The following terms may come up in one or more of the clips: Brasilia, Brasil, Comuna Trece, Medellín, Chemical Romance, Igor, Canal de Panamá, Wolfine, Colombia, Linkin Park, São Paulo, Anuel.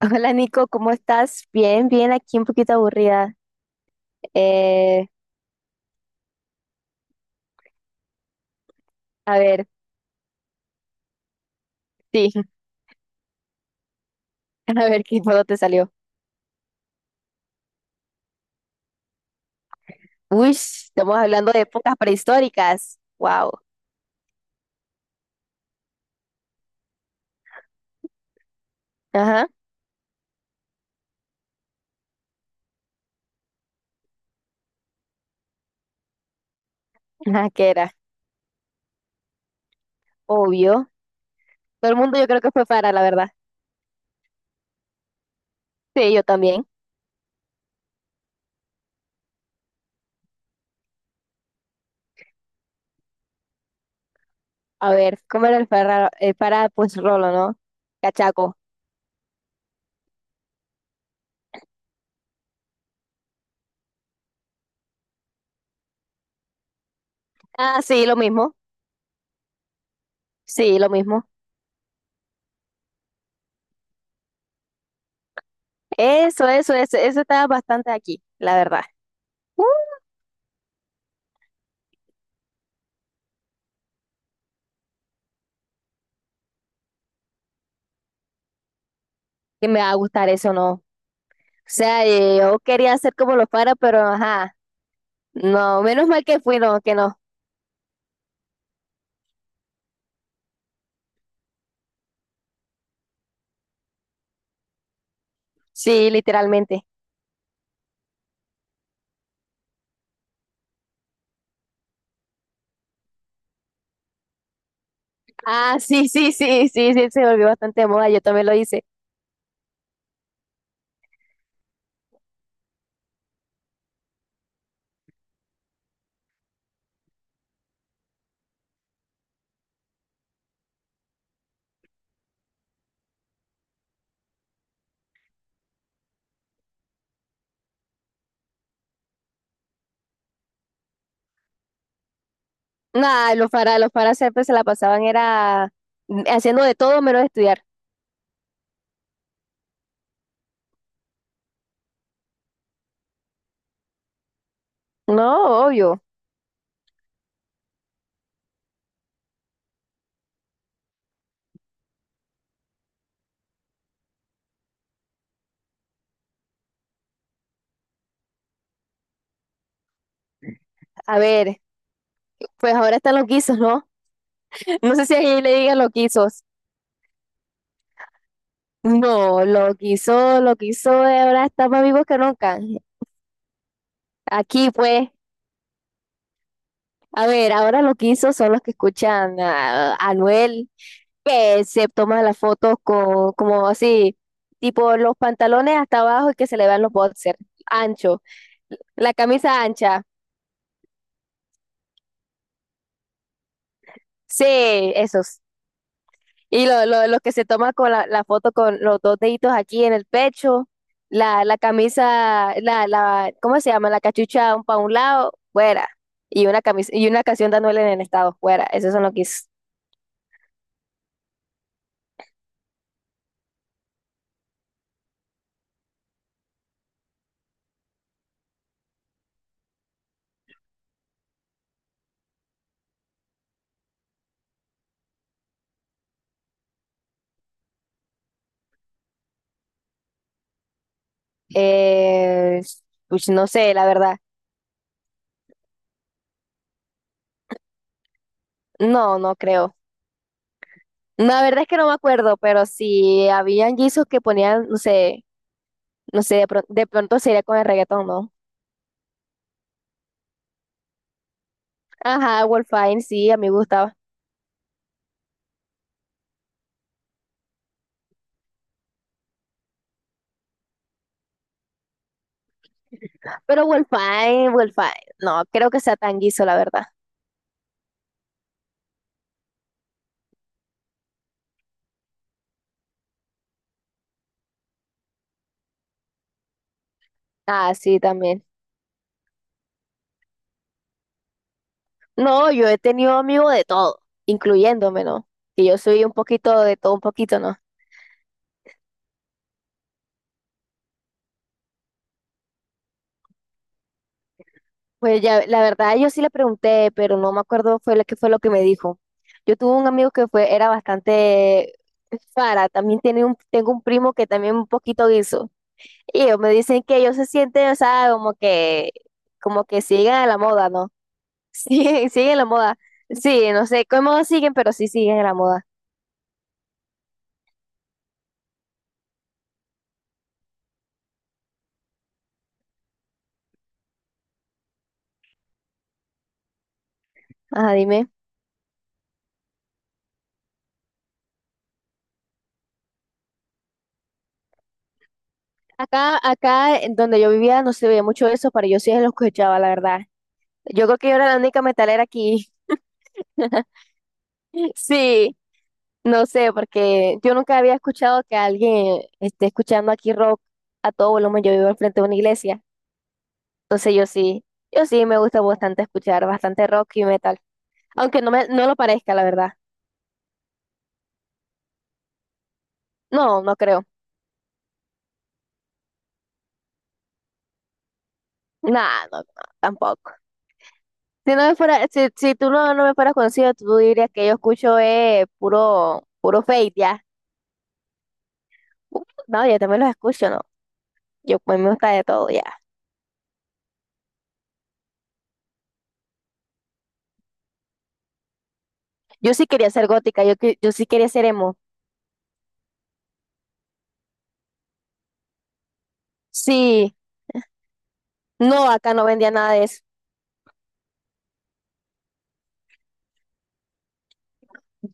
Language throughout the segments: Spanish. Hola Nico, ¿cómo estás? Bien, bien, aquí un poquito aburrida. Eh, a ver, sí, a ver qué juego te salió. Uy, estamos hablando de épocas prehistóricas. Wow. Ajá, ajá, ¿qué era? Obvio. Todo el mundo yo creo que fue para, la verdad. Sí, yo también. A ver, ¿cómo era el para? El para, pues Rolo, ¿no? Cachaco. Ah, sí, lo mismo. Sí, lo mismo. Eso estaba bastante aquí, la verdad. Uh, que me va a gustar eso, ¿no? O sea, yo quería hacer como los para, pero ajá. No, menos mal que fui, no, que no. Sí, literalmente. Ah, sí, sí, sí, sí, sí, se volvió bastante de moda, yo también lo hice. Nah, los faras siempre se la pasaban, era haciendo de todo menos estudiar. No, obvio. A ver, pues ahora están los guisos, ¿no? No sé si ahí le digan los guisos. No, lo quiso, ahora está más vivos que nunca. Aquí, pues, a ver, ahora lo quiso son los que escuchan a Anuel, que se toma las fotos con, como así, tipo los pantalones hasta abajo y que se le vean los boxers, ancho, la camisa ancha, sí, esos. Y lo que se toma con la, la foto con los dos deditos aquí en el pecho, la camisa, la, ¿cómo se llama? La cachucha un pa' un lado, fuera. Y una camisa, y una canción de en el estado, fuera. Esos son los que es. Eh, pues no sé, la verdad. No, no creo. La verdad es que no me acuerdo, pero si habían guisos que ponían, no sé, no sé, de, de pronto sería con el reggaetón, ¿no? Ajá, Wolfine, sí, a mí me gustaba. Pero Wolfine, Wolfine, no, creo que sea tan guiso, la verdad. Ah, sí, también. No, yo he tenido amigos de todo, incluyéndome, ¿no? Que yo soy un poquito de todo, un poquito, ¿no? Pues ya, la verdad, yo sí le pregunté, pero no me acuerdo fue lo que me dijo. Yo tuve un amigo que fue, era bastante Fara, también tiene un, tengo un primo que también un poquito guiso. Y ellos me dicen que ellos se sienten, o sea, como que siguen a la moda, ¿no? Siguen, siguen la moda. Sí, no sé cómo siguen, pero sí siguen la moda. Ajá, dime. Acá, acá en donde yo vivía no se veía mucho eso, pero yo sí lo escuchaba, la verdad. Yo creo que yo era la única metalera aquí. Sí, no sé, porque yo nunca había escuchado que alguien esté escuchando aquí rock a todo volumen. Yo vivo al frente de una iglesia. Entonces yo sí, yo sí me gusta bastante escuchar bastante rock y metal. Aunque no me, no lo parezca, la verdad. No, no creo. Nah, no, no, tampoco. Si no me fuera, si, si tú no, no me fueras conocido, tú dirías que yo escucho puro, puro fake ya. No, yo también los escucho, no. Yo a mí me gusta de todo ya. Yo sí quería ser gótica, yo, yo sí quería ser emo. Sí, no, acá no vendía nada de eso.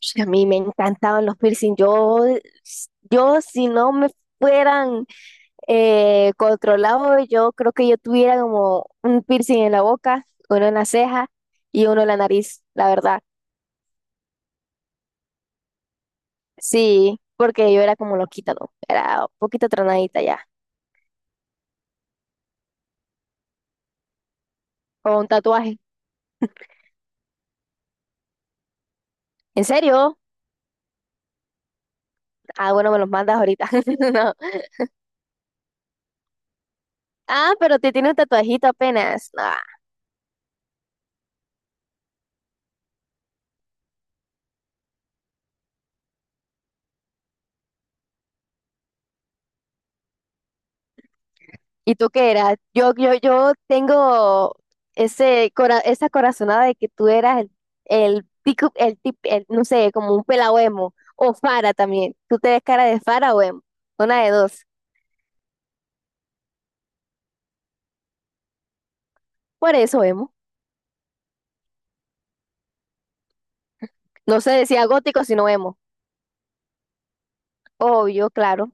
Sí, a mí me encantaban los piercing. Yo si no me fueran controlados, yo creo que yo tuviera como un piercing en la boca, uno en la ceja y uno en la nariz, la verdad. Sí, porque yo era como loquita, ¿no? Era un poquito tronadita ya, con un tatuaje. ¿En serio? Ah, bueno, me los mandas ahorita. No. Ah, pero te tiene un tatuajito apenas. No, ¿y tú qué eras? Yo tengo ese esa corazonada de que tú eras el pico, el tip, el, no sé, como un pelao emo, o Fara también. Tú te ves cara de Fara o emo, una de dos. Por eso emo. No se decía gótico, sino emo. Obvio, claro.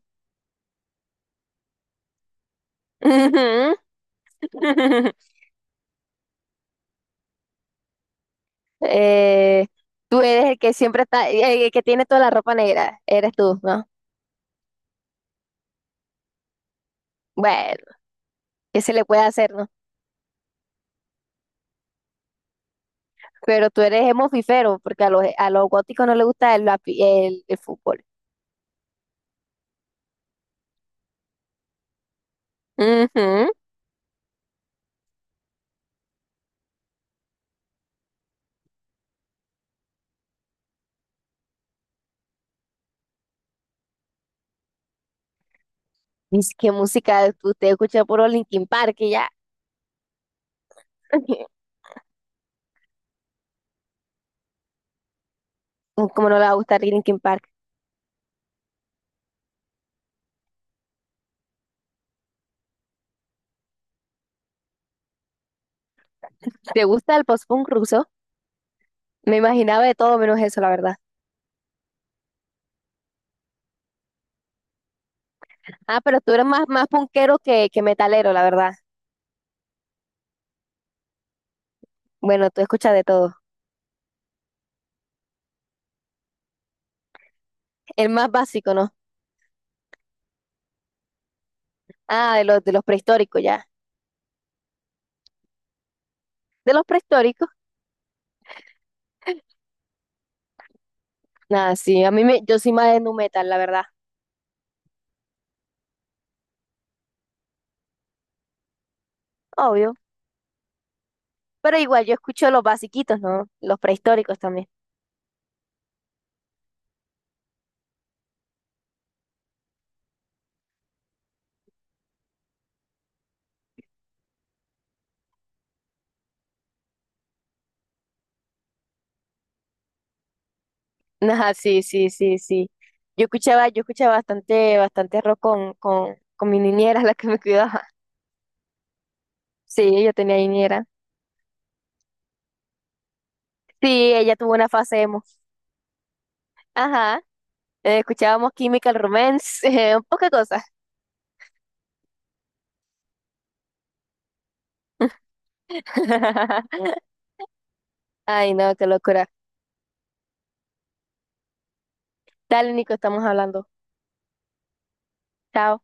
Ujú. Eh, Tú eres el que siempre está, el que tiene toda la ropa negra, eres tú, ¿no? Bueno, ¿qué se le puede hacer, ¿no? Pero tú eres hemofifero, porque a los góticos no les gusta el, el fútbol. Ujú. Dice, ¿qué música? Usted escucha puro Linkin Park y ya. ¿Cómo no le va a gustar Linkin Park? ¿Te gusta el post-punk ruso? Me imaginaba de todo menos eso, la verdad. Ah, pero tú eres más, más punkero que metalero, la verdad. Bueno, tú escuchas de todo. El más básico, ¿no? Ah, de los prehistóricos, ya. ¿De los prehistóricos? Nada, sí, a mí me, yo soy más de nu metal, la verdad. Obvio. Pero igual, yo escucho los basiquitos, ¿no? Los prehistóricos también. Ajá, sí, sí, sí, sí. Yo escuchaba bastante, bastante rock con mi niñera, la que me cuidaba. Sí, ella tenía niñera. Sí, ella tuvo una fase emo. Ajá. Escuchábamos Chemical Romance, poca cosa. Ay, no, qué locura. Dale, Nico, estamos hablando. Chao.